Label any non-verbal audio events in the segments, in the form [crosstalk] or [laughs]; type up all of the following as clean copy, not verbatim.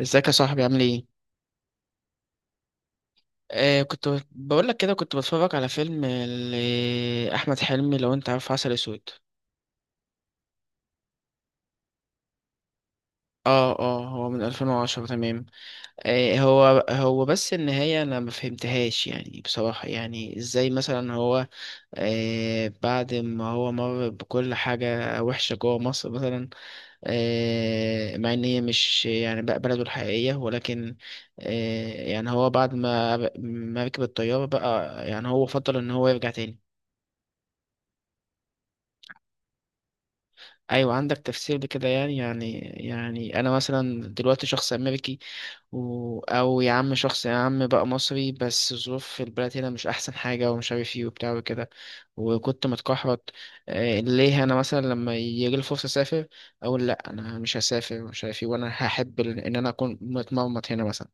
ازيك يا صاحبي، عامل ايه؟ كنت بقول لك كده، كنت بتفرج على فيلم احمد حلمي، لو انت عارف عسل اسود. اه هو من 2010، تمام. هو بس النهاية انا ما فهمتهاش، يعني بصراحة ازاي مثلا هو... بعد ما هو مر بكل حاجة وحشة جوه مصر مثلا، مع ان هي مش يعني بقى بلده الحقيقية، ولكن يعني هو بعد ما ركب الطيارة بقى، يعني هو فضل ان هو يرجع تاني. ايوه، عندك تفسير لكده؟ يعني انا مثلا دلوقتي شخص امريكي او يا عم شخص، يا عم بقى مصري، بس ظروف في البلد هنا مش احسن حاجه ومش عارف ايه وبتاع وكده، وكنت متكحرت. ليه انا مثلا لما يجي لي فرصه اسافر اقول لا انا مش هسافر ومش عارف ايه؟ وانا هحب ان انا اكون متمرمط هنا مثلا؟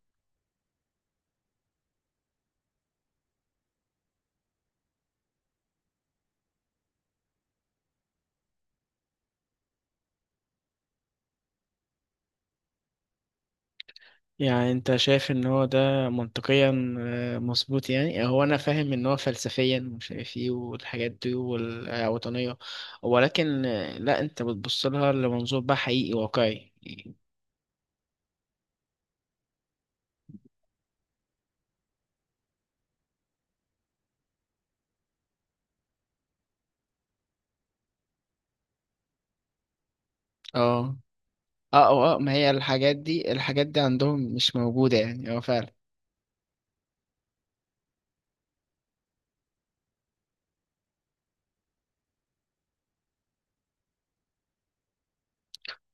يعني انت شايف ان هو ده منطقيا؟ مظبوط. يعني هو انا فاهم ان هو فلسفيا مش عارف ايه والحاجات دي والوطنية، ولكن لا، انت بتبص لها لمنظور بقى حقيقي واقعي. اه اه ما هي الحاجات دي، الحاجات دي عندهم مش موجودة يعني، اه فعلا.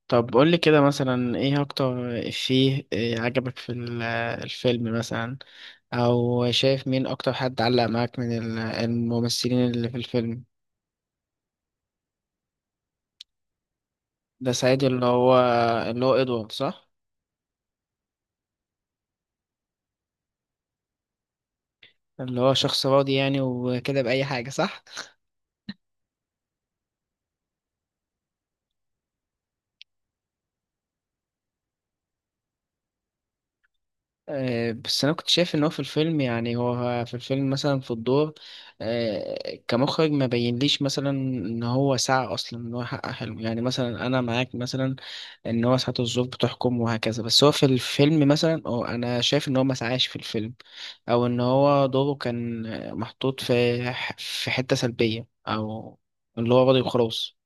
طب قول لي كده، مثلا ايه اكتر افيه عجبك في الفيلم مثلا؟ او شايف مين اكتر حد علق معاك من الممثلين اللي في الفيلم؟ ده سعيد، اللي هو ادوارد، صح؟ اللي هو شخص راضي يعني وكده بأي حاجة، صح؟ بس انا كنت شايف ان هو في الفيلم، يعني هو في الفيلم مثلا في الدور كمخرج، ما بينليش مثلا ان هو سعى اصلا ان هو حقق حلمه. يعني مثلا انا معاك مثلا ان هو ساعات الظروف بتحكم وهكذا، بس هو في الفيلم مثلا، أو انا شايف ان هو ما سعاش في الفيلم، او ان هو دوره كان محطوط في في حتة سلبية، او اللي هو راضي وخلاص.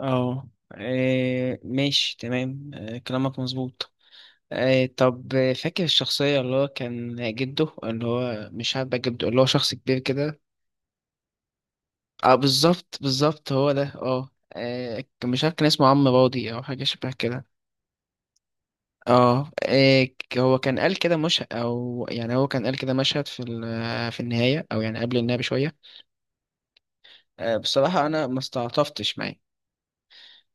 اه، ماشي تمام، كلامك مظبوط. طب فاكر الشخصية اللي هو كان جده، اللي هو مش عارف بقى جده، اللي هو شخص كبير كده؟ اه، بالظبط بالظبط، هو ده اه. مش عارف كان اسمه عم راضي او حاجة شبه كده. اه، هو كان قال كده، مش، او يعني هو كان قال كده مشهد في في النهاية، او يعني قبل النهاية بشوية. بصراحة انا ما استعطفتش معاه.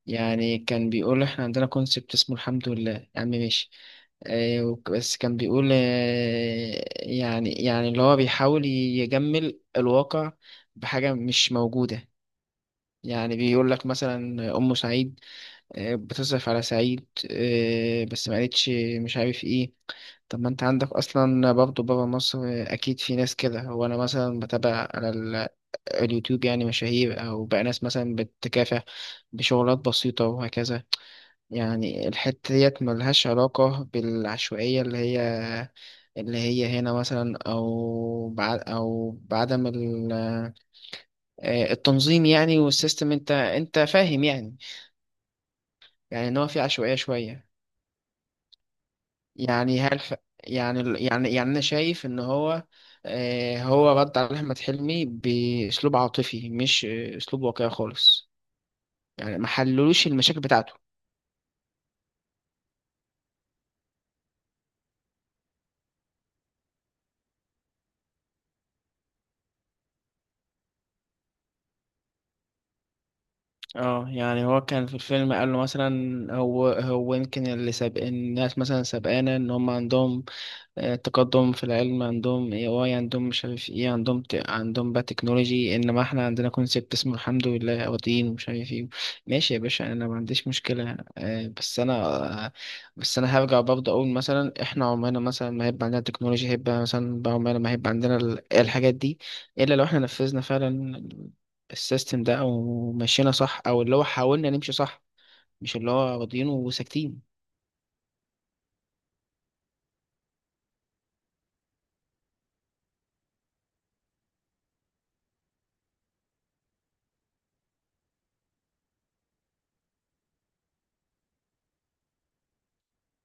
يعني كان بيقول احنا عندنا كونسبت اسمه الحمد لله يا عم ماشي. بس كان بيقول اللي هو بيحاول يجمل الواقع بحاجة مش موجودة. يعني بيقول لك مثلا أم سعيد بتصرف على سعيد، بس ما قالتش مش عارف ايه. طب ما انت عندك اصلا برضه بابا مصر، اكيد في ناس كده. هو انا مثلا بتابع على اليوتيوب، يعني مشاهير او بقى ناس مثلا بتكافح بشغلات بسيطة وهكذا. يعني الحتة ديت ملهاش علاقة بالعشوائية اللي هي هنا مثلا، أو بعدم التنظيم يعني والسيستم. أنت فاهم يعني. يعني إن هو في عشوائية شوية، يعني يعني أنا شايف إن هو هو رد على أحمد حلمي بأسلوب عاطفي، مش أسلوب واقعي خالص. يعني ما حللوش المشاكل بتاعته. اه. يعني هو كان في الفيلم قال له مثلا، هو يمكن اللي سابق الناس، مثلا سابقانا ان هم عندهم التقدم في العلم، عندهم اي اي عندهم مش عارف ايه، عندهم بقى تكنولوجي، انما احنا عندنا كونسيبت اسمه الحمد لله، او دين ومش عارف ايه. ماشي يا باشا، انا ما عنديش مشكلة، آه، بس انا هرجع برضه اقول مثلا احنا عمرنا مثلا ما هيبقى عندنا تكنولوجيا، هيبقى مثلا بقى عمرنا ما هيبقى عندنا إيه الحاجات دي، الا لو احنا نفذنا فعلا السيستم ده، او مشينا صح، او اللي هو حاولنا نمشي صح، مش اللي هو راضيين وساكتين.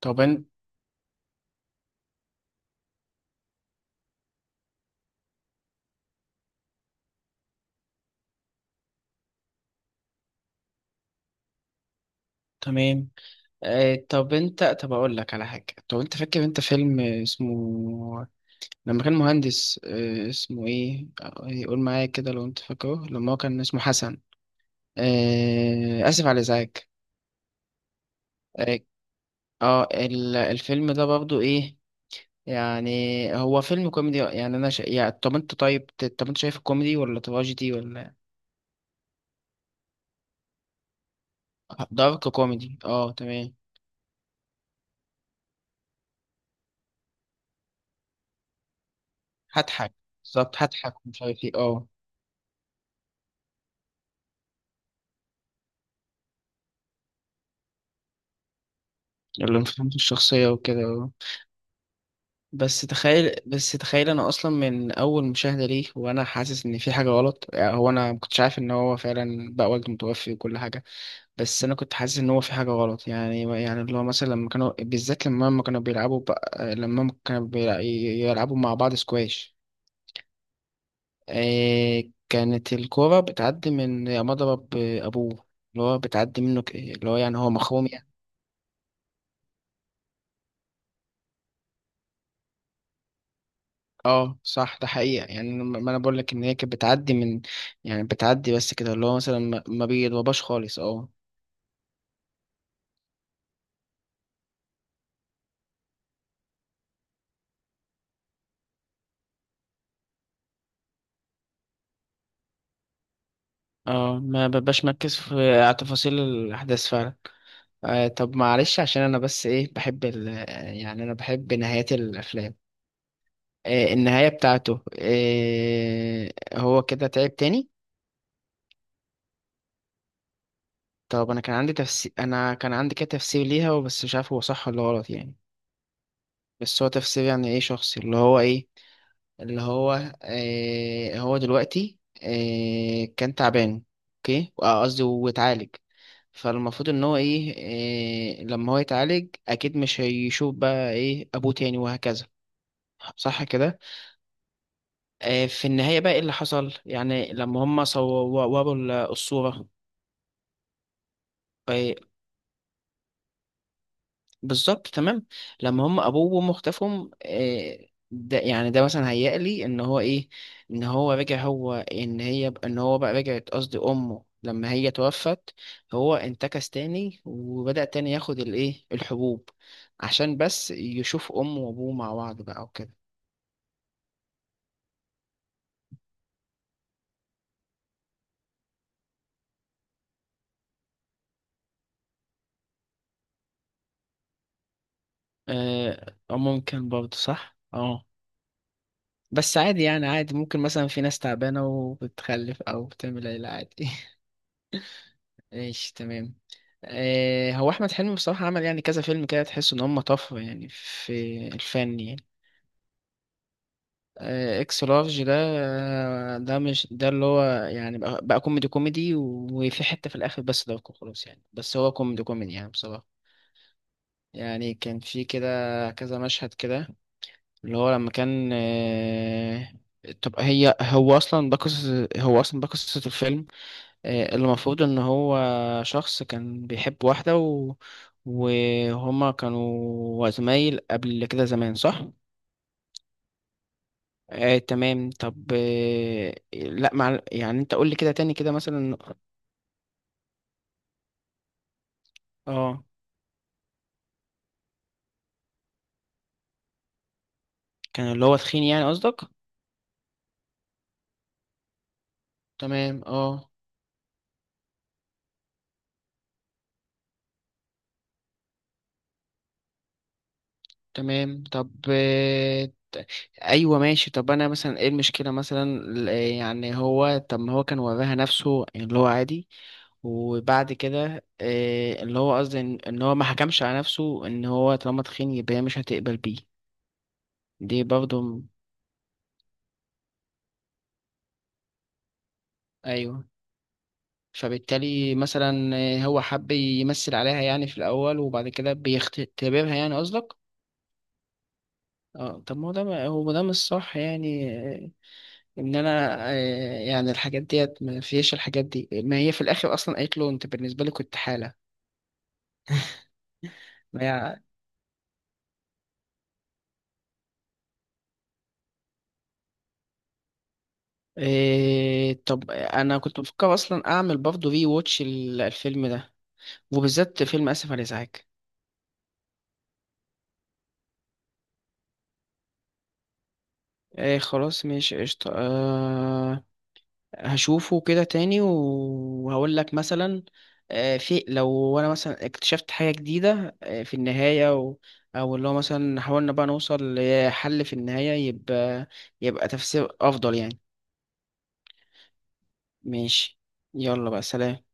طب إن- تمام. طب انت، طب اقول لك على حاجه، طب انت فاكر انت فيلم اسمه لما كان مهندس، اسمه ايه، يقول معايا كده لو انت فاكره، لما هو كان اسمه حسن، اسف على الازعاج. اه، الفيلم ده برضو ايه يعني؟ هو فيلم كوميدي، يعني طب انت، طب انت شايف كوميدي ولا تراجيدي ولا؟ دارك كوميدي، اه، تمام. هضحك بالظبط، هضحك مش عارف ايه اه. اللي مفهمش الشخصيه وكده. بس تخيل بس تخيل، انا اصلا من اول مشاهده ليه وانا حاسس ان في حاجه غلط. يعني هو انا ما كنتش عارف ان هو فعلا بقى والده متوفي وكل حاجه، بس انا كنت حاسس ان هو في حاجه غلط، يعني اللي هو مثلا لما كانوا بالذات، لما هم كانوا بيلعبوا بقى، لما هم كانوا يلعبوا مع بعض سكواش، إيه، كانت الكوره بتعدي من مضرب ابوه، اللي هو بتعدي منه، اللي هو يعني هو مخروم. اه صح، ده حقيقة يعني. ما انا بقول لك ان هي كانت بتعدي من، يعني بتعدي بس كده، اللي هو مثلا ما ما بيتوباش خالص اه. اه، ما ببقاش مركز في على تفاصيل الاحداث فعلا. طب معلش، عشان انا بس ايه بحب يعني انا بحب نهايات الافلام. النهاية بتاعته، هو كده تعب تاني. طب انا كان عندي تفسير، انا كان عندي كده تفسير ليها، بس مش عارف هو صح ولا غلط يعني. بس هو تفسير يعني ايه، شخصي. اللي هو ايه، اللي هو هو دلوقتي كان تعبان، اوكي، قصدي واتعالج. فالمفروض ان هو ايه، لما هو يتعالج اكيد مش هيشوف بقى ايه ابوه تاني وهكذا. صح كده؟ في النهاية بقى، ايه اللي حصل يعني لما هم صوروا الصورة؟ آه، بالظبط، تمام. لما هم ابوه وامه اختفوا، ده يعني ده مثلا هيقلي لي ان هو ايه، ان هو رجع. هو ان هي ان هو بقى، رجعت قصدي امه، لما هي توفت هو انتكس تاني، وبدأ تاني ياخد الايه الحبوب عشان بس يشوف امه وابوه مع بعض بقى وكده. أو ممكن برضه، صح اه. بس عادي يعني، عادي ممكن مثلا في ناس تعبانة وبتخلف او بتعمل عيلة عادي. [laughs] ايش تمام. هو احمد حلمي بصراحه عمل يعني كذا فيلم كده تحس ان هم طفره يعني في الفن يعني. اكس لارج ده، مش ده اللي هو، يعني بقى كوميدي كوميدي، وفي حته في الاخر، بس ده خلاص يعني، بس هو كوميدي كوميدي يعني بصراحه. يعني كان في كده كذا مشهد كده اللي هو لما كان طب هي، هو اصلا ده قصه الفيلم، اللي المفروض ان هو شخص كان بيحب واحدة وهما كانوا زمايل قبل كده زمان، صح؟ تمام. طب آه لا مع... يعني انت قول لي كده تاني كده مثلا. اه، كان اللي هو تخين يعني قصدك؟ تمام اه. تمام. طب ايوه ماشي، طب انا مثلا ايه المشكله مثلا، يعني هو، طب ما هو كان وراها نفسه يعني، اللي هو عادي، وبعد كده اللي هو قصدي إن هو ما حكمش على نفسه ان هو طالما تخين يبقى هي مش هتقبل بيه. دي برضه م- ايوه، فبالتالي مثلا هو حب يمثل عليها يعني في الاول، وبعد كده بيختبرها يعني قصدك. اه، طب ما هو ده، هو ده مش صح يعني ان انا يعني الحاجات ديت، ما فيش الحاجات دي، ما هي في الاخر اصلا قالت له انت بالنسبه لي كنت حاله. ما هي إيه، طب انا كنت بفكر اصلا اعمل برضه ري ووتش الفيلم ده، وبالذات فيلم اسف على الازعاج. ايه خلاص، ماشي قشطة. أه هشوفه كده تاني وهقول لك مثلا أه في لو انا مثلا اكتشفت حاجة جديدة أه في النهاية، و... او اللي هو مثلا حاولنا بقى نوصل لحل في النهاية، يبقى تفسير افضل يعني. ماشي، يلا بقى، سلام.